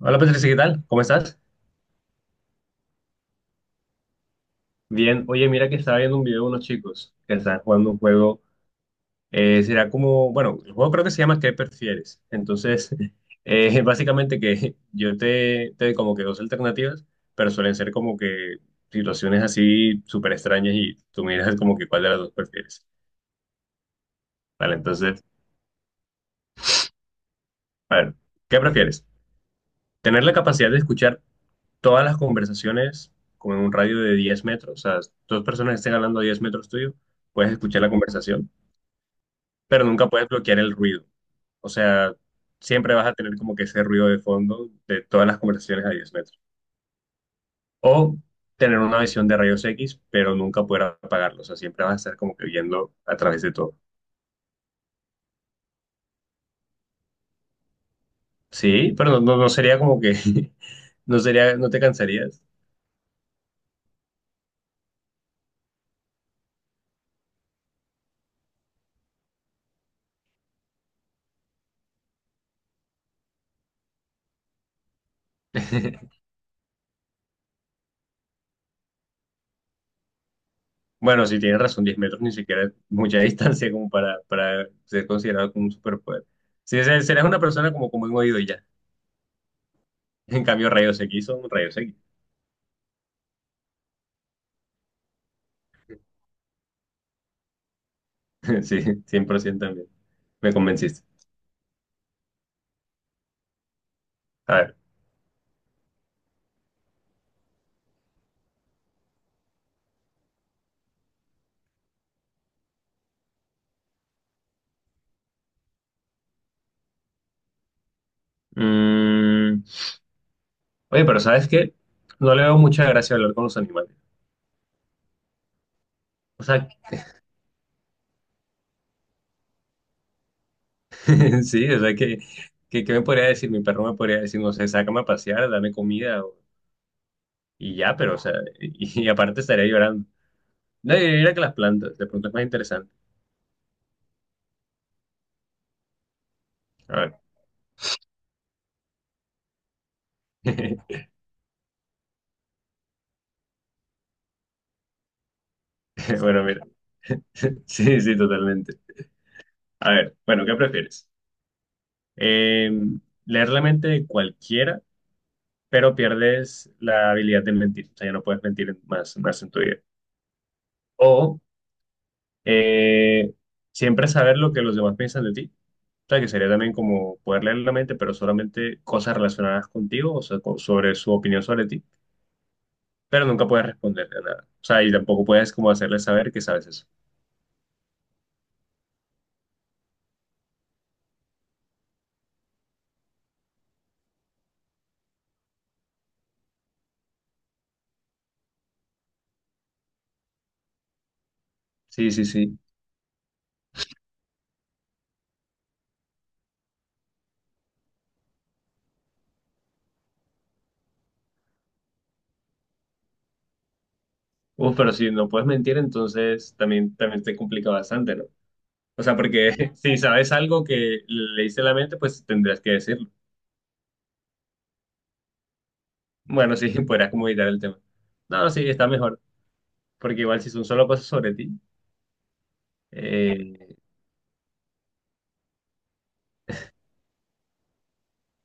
Hola Patricia, ¿qué tal? ¿Cómo estás? Bien, oye, mira que estaba viendo un video de unos chicos que están jugando un juego. Será como, bueno, el juego creo que se llama ¿qué prefieres? Entonces, básicamente que yo te doy como que dos alternativas, pero suelen ser como que situaciones así súper extrañas y tú miras como que cuál de las dos prefieres. Vale, entonces, a ver, ¿qué prefieres? ¿Tener la capacidad de escuchar todas las conversaciones como en un radio de 10 metros? O sea, dos personas que estén hablando a 10 metros tuyo, puedes escuchar la conversación pero nunca puedes bloquear el ruido. O sea, siempre vas a tener como que ese ruido de fondo de todas las conversaciones a 10 metros. O tener una visión de rayos X, pero nunca poder apagarlo. O sea, siempre vas a estar como que viendo a través de todo. Sí, pero no, no, no sería como que, no sería, no te cansarías. Bueno, si tienes razón, 10 metros ni siquiera es mucha distancia como para ser considerado como un superpoder. Si serás una persona como, como un oído y ya. En cambio, rayos X son rayos X. Sí, 100% también. Me convenciste. A ver. mm, Oye, pero ¿sabes qué? No le veo mucha gracia hablar con los animales. O sea, sí, o sea, que, ¿qué me podría decir? Mi perro me podría decir, no sé, sácame a pasear, dame comida o- y ya, pero, o sea, y aparte estaría llorando. No, y mira que las plantas, de pronto es más interesante. A ver. Bueno, mira. Sí, sí, totalmente. A ver, bueno, ¿qué prefieres? Eh, ¿Leer la mente de cualquiera? Pero pierdes la habilidad de mentir. O sea, ya no puedes mentir más en tu vida. O eh, siempre saber lo que los demás piensan de ti. O sea, que sería también como poder leer la mente, pero solamente cosas relacionadas contigo, o sea, co- sobre su opinión sobre ti, pero nunca puedes responderle a nada. O sea, y tampoco puedes como hacerle saber que sabes eso. Sí, sí, sí. Uf, pero si no puedes mentir, entonces también, también te complica bastante, ¿no? O sea, porque si sabes algo que leíste en la mente, pues tendrías que decirlo. Bueno, sí, podrías como evitar el tema. No, no, sí, está mejor, porque igual si son solo cosas sobre ti. eh,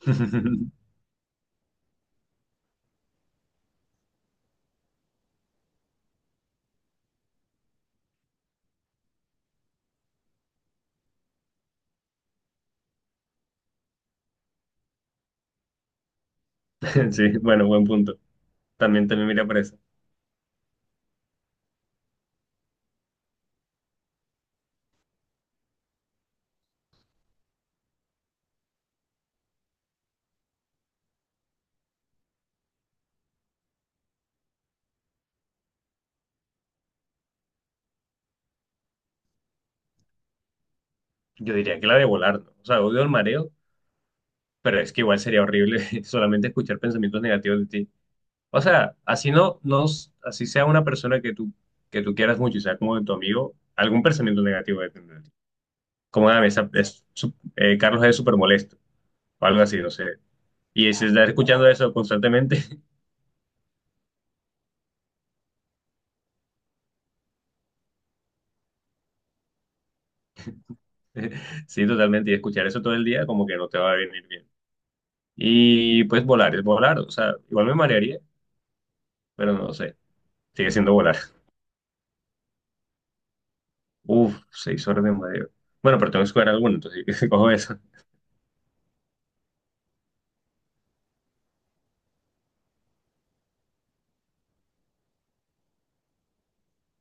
Sí, bueno, buen punto. También, también mira por eso. Yo diría que la de volar, ¿no? O sea, odio el mareo, pero es que igual sería horrible solamente escuchar pensamientos negativos de ti. O sea, así no, no, así sea una persona que tú quieras mucho y sea como de tu amigo, algún pensamiento negativo debe tener de ti. Como, a esa, es, su- Carlos es súper molesto, o algo así, no sé. Y si estás escuchando eso constantemente, sí, totalmente. Y escuchar eso todo el día como que no te va a venir bien. Y pues volar, es volar. O sea, igual me marearía, pero no sé. Sigue siendo volar. Uf, 6 horas de mareo. Bueno, pero tengo que escoger alguno, entonces cojo eso.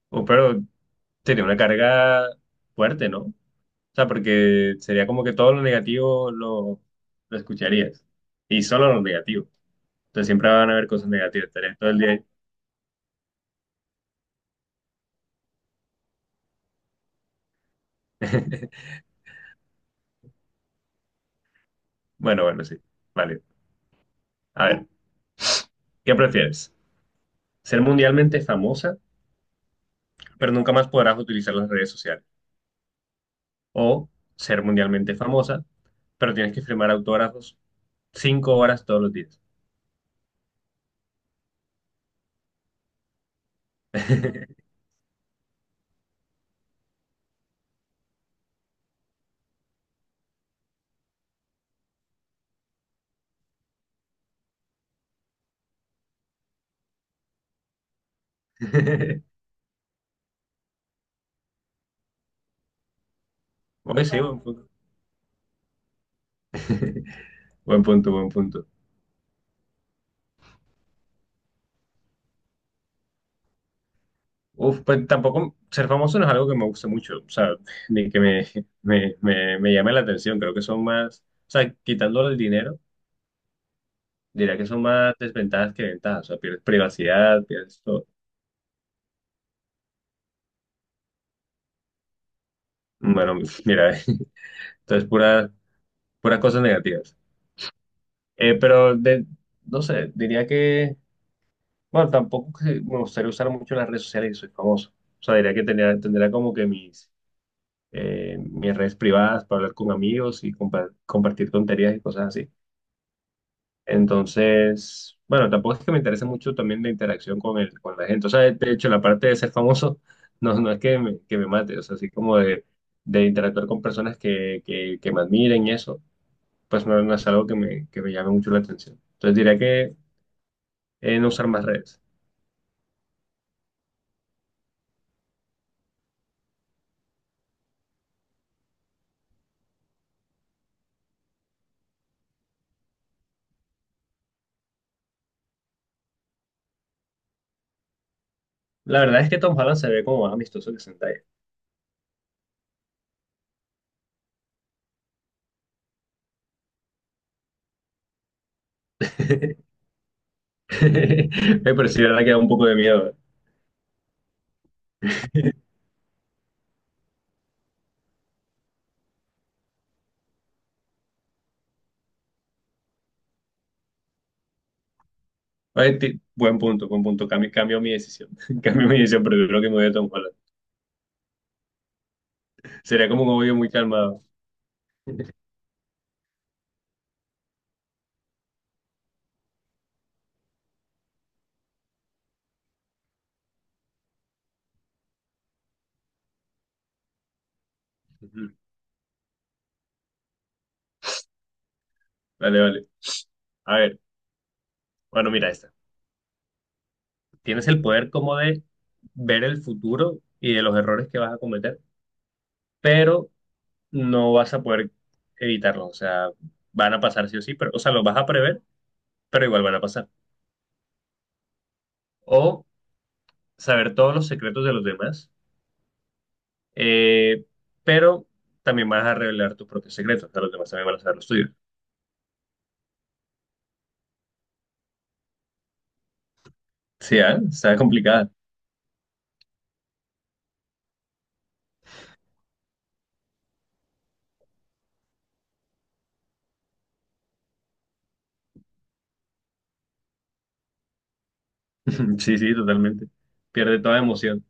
O, pero sería una carga fuerte, ¿no? O sea, porque sería como que todo lo negativo lo escucharías. Y solo lo negativo. Entonces siempre van a haber cosas negativas. Estarías todo el día ahí. Bueno, bueno, sí. Vale. A ver, ¿qué prefieres? ¿Ser mundialmente famosa? Pero nunca más podrás utilizar las redes sociales. O ser mundialmente famosa, pero tienes que firmar autógrafos 5 horas todos los días. Oye, sí, buen punto. Buen punto, buen punto. Uf, pues tampoco ser famoso no es algo que me guste mucho, o sea, ni que me, me llame la atención. Creo que son más, o sea, quitándole el dinero, diría que son más desventajas que ventajas. O sea, pierdes privacidad, pierdes todo. Bueno, mira, entonces puras, puras cosas negativas. Pero de, no sé, diría que, bueno, tampoco que me gustaría usar mucho las redes sociales y soy famoso. O sea, diría que tendría, tendría como que mis, mis redes privadas para hablar con amigos y compa- compartir tonterías y cosas así. Entonces, bueno, tampoco es que me interese mucho también la interacción con el, con la gente. O sea, de hecho, la parte de ser famoso no, no es que me mate, o sea, así como de interactuar con personas que me admiren y eso, pues no, no es algo que me llame mucho la atención. Entonces diría que no usar más redes. La verdad es que Tom Holland se ve como más amistoso que Zendaya. Eh, pero sí, la verdad que da un poco de miedo. Oye, ti- buen punto, buen punto. Cambio, cambio mi decisión. Cambio mi decisión, pero creo que me voy a Tom Holland. Sería como un obvio muy calmado. Ujú. Vale, vale. A ver, bueno, mira esta. Tienes el poder como de ver el futuro y de los errores que vas a cometer, pero no vas a poder evitarlos. O sea, van a pasar sí o sí, pero, o sea, los vas a prever, pero igual van a pasar. O saber todos los secretos de los demás. Eh, pero también vas a revelar tus propios secretos, o sea, los demás también van a saber los tuyos. Sí, ah, está complicada. Sí, sí, totalmente. Pierde toda emoción.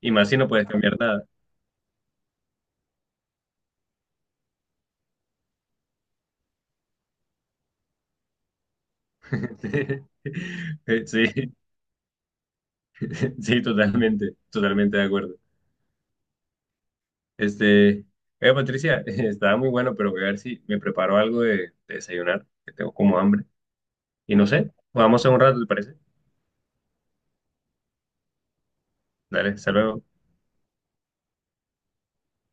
Y más si no puedes cambiar nada. Sí, sí, totalmente, totalmente de acuerdo. Este, oye, Patricia, estaba muy bueno, pero voy a ver si me preparo algo de desayunar, que tengo como hambre. Y no sé, vamos a un rato, ¿te parece? Dale, hasta luego.